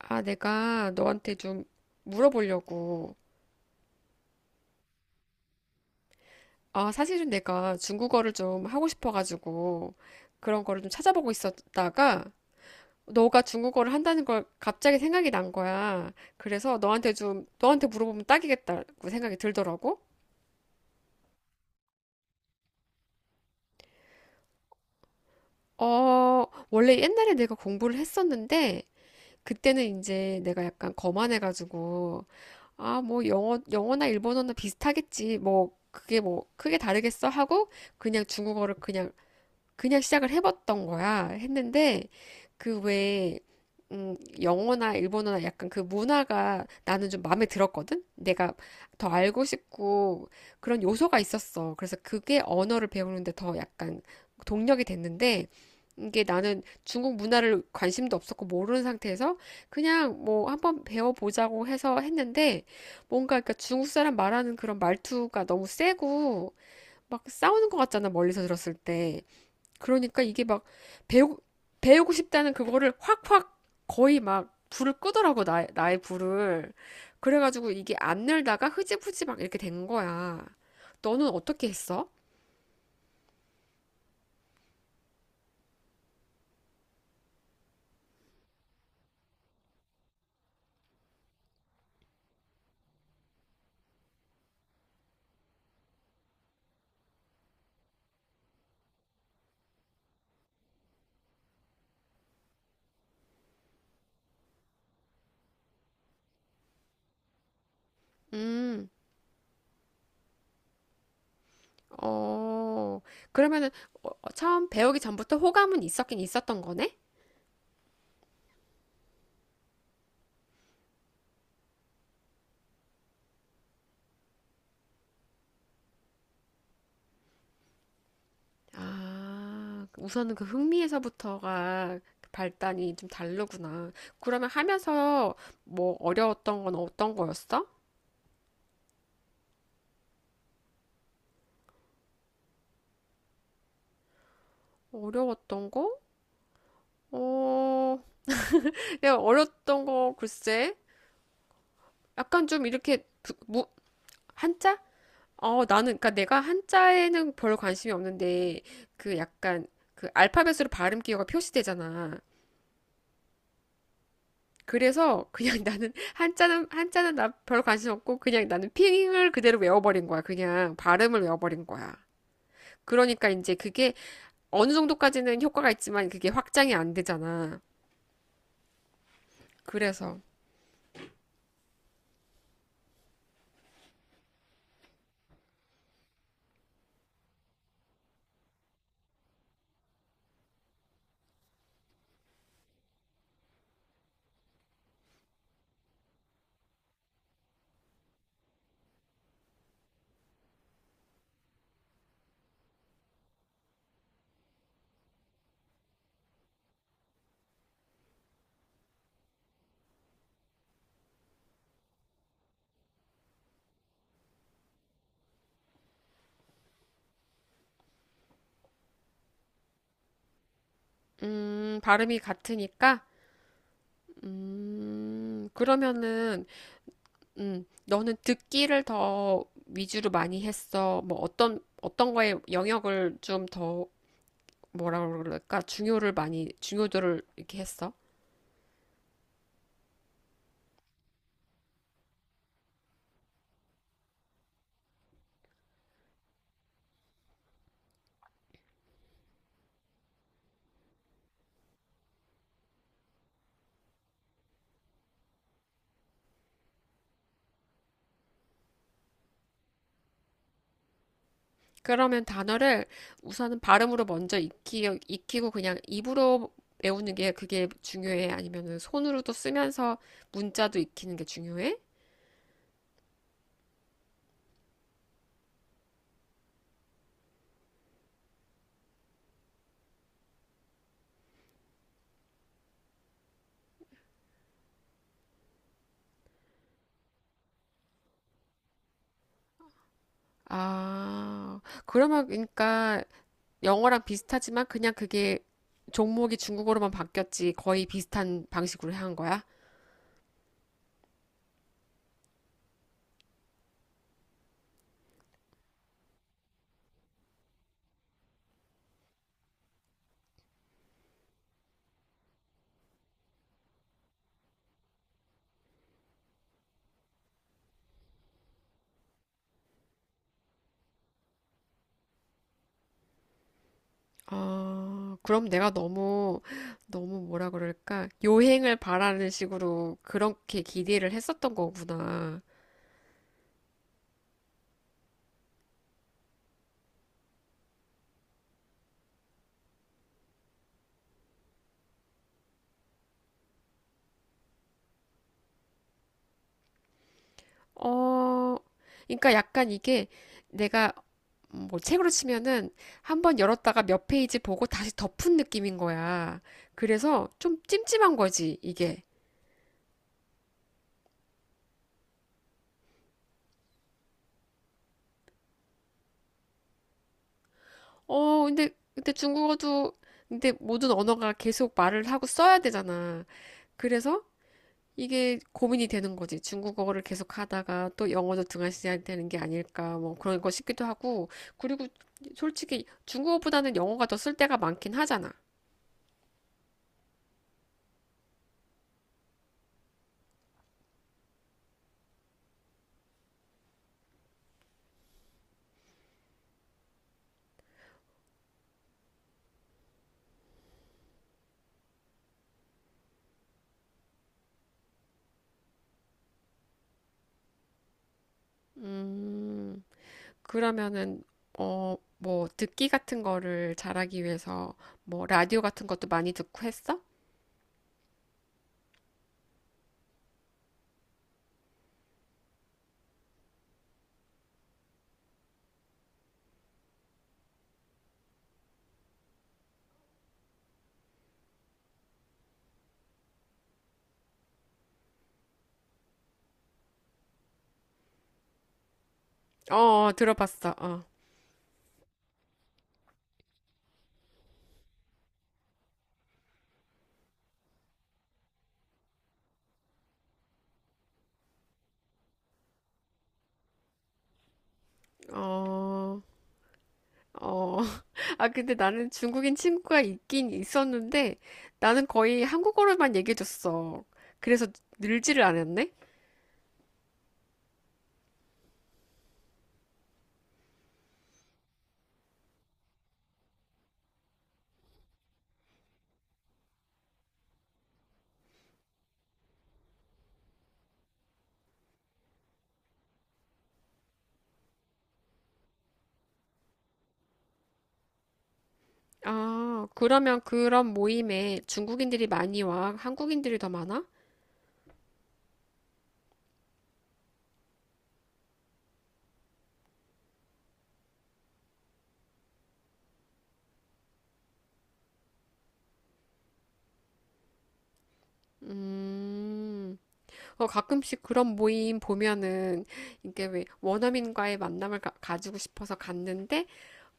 아, 내가 너한테 좀 물어보려고. 아, 사실은 내가 중국어를 좀 하고 싶어가지고 그런 거를 좀 찾아보고 있었다가 너가 중국어를 한다는 걸 갑자기 생각이 난 거야. 그래서 너한테 좀, 너한테 물어보면 딱이겠다고 생각이 들더라고. 어, 원래 옛날에 내가 공부를 했었는데 그때는 이제 내가 약간 거만해가지고 아, 뭐 영어나 일본어나 비슷하겠지. 뭐 그게 뭐 크게 다르겠어 하고 그냥 중국어를 그냥 그냥 시작을 해봤던 거야. 했는데 그 왜, 음, 영어나 일본어나 약간 그 문화가 나는 좀 마음에 들었거든? 내가 더 알고 싶고 그런 요소가 있었어. 그래서 그게 언어를 배우는데 더 약간 동력이 됐는데 이게 나는 중국 문화를 관심도 없었고 모르는 상태에서 그냥 뭐 한번 배워보자고 해서 했는데 뭔가 그러니까 중국 사람 말하는 그런 말투가 너무 세고 막 싸우는 것 같잖아. 멀리서 들었을 때. 그러니까 이게 막 배우, 배우고 싶다는 그거를 확확 거의 막 불을 끄더라고, 나의 불을. 그래가지고 이게 안 늘다가 흐지부지 막 이렇게 된 거야. 너는 어떻게 했어? 음, 어, 그러면은 처음 배우기 전부터 호감은 있었긴 있었던 거네? 아, 우선은 그 흥미에서부터가 발단이 좀 다르구나. 그러면 하면서 뭐 어려웠던 건 어떤 거였어? 어려웠던 거? 어, 내가 어렸던 거 글쎄, 약간 좀 이렇게 부- 무, 한자? 어, 나는 그러니까 내가 한자에는 별 관심이 없는데 그 약간 그 알파벳으로 발음 기호가 표시되잖아. 그래서 그냥 나는 한자는 나 별 관심 없고 그냥 나는 핑을 그대로 외워버린 거야. 그냥 발음을 외워버린 거야. 그러니까 이제 그게 어느 정도까지는 효과가 있지만 그게 확장이 안 되잖아. 그래서 발음이 같으니까. 그러면은, 너는 듣기를 더 위주로 많이 했어. 뭐 어떤 거에 영역을 좀 더, 뭐라 그럴까? 중요도를 이렇게 했어. 그러면 단어를 우선은 발음으로 먼저 익히고 그냥 입으로 외우는 게 그게 중요해? 아니면은 손으로도 쓰면서 문자도 익히는 게 중요해? 아, 그러면 그러니까 영어랑 비슷하지만 그냥 그게 종목이 중국어로만 바뀌었지 거의 비슷한 방식으로 한 거야? 아, 그럼 내가 너무, 너무 뭐라 그럴까? 요행을 바라는 식으로 그렇게 기대를 했었던 거구나. 어, 그러니까 약간 이게 내가 뭐 책으로 치면은 한번 열었다가 몇 페이지 보고 다시 덮은 느낌인 거야. 그래서 좀 찜찜한 거지, 이게. 근데 근데 모든 언어가 계속 말을 하고 써야 되잖아. 그래서 이게 고민이 되는 거지. 중국어를 계속 하다가 또 영어도 등한시해야 되는 게 아닐까, 뭐 그런 거 싶기도 하고. 그리고 솔직히 중국어보다는 영어가 더 쓸 때가 많긴 하잖아. 음, 그러면은, 어, 뭐 듣기 같은 거를 잘하기 위해서 뭐 라디오 같은 것도 많이 듣고 했어? 어, 어, 들어봤어. 어, 어, 어, 아, 근데 나는 중국인 친구가 있긴 있었는데 나는 거의 한국어로만 얘기해줬어. 그래서 늘지를 않았네? 아, 그러면 그런 모임에 중국인들이 많이 와? 한국인들이 더 많아? 음, 어, 가끔씩 그런 모임 보면은 이게 왜 원어민과의 만남을 가지고 싶어서 갔는데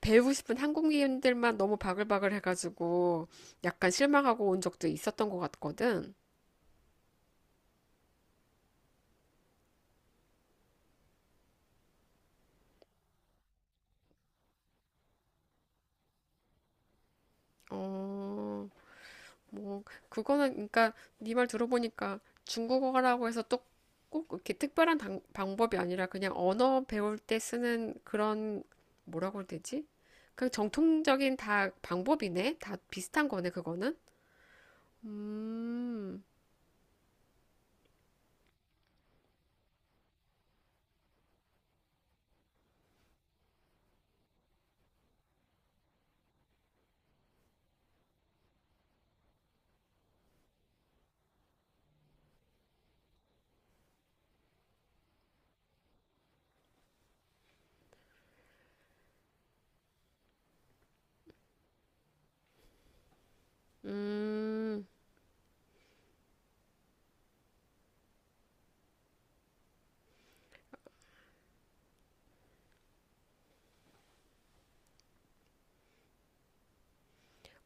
배우고 싶은 한국인들만 너무 바글바글 해가지고 약간 실망하고 온 적도 있었던 것 같거든. 어, 뭐 그거는 그러니까 네 말 들어보니까 중국어라고 해서 또 꼭 이렇게 특별한 방법이 아니라 그냥 언어 배울 때 쓰는 그런 뭐라고 해야 되지? 그냥 정통적인 다 방법이네. 다 비슷한 거네, 그거는. 음. 음.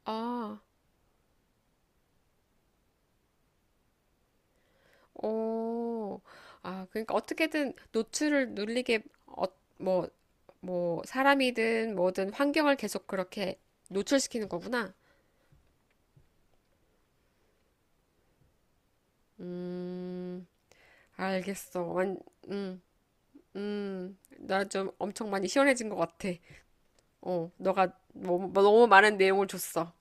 아. 오. 아, 그러니까 어떻게든 노출을 눌리게 어, 뭐, 뭐 사람이든 뭐든 환경을 계속 그렇게 노출시키는 거구나. 음. 알겠어. 완, 음, 나 좀 엄청 많이 시원해진 것 같아. 어, 너가 너무, 너무 많은 내용을 줬어.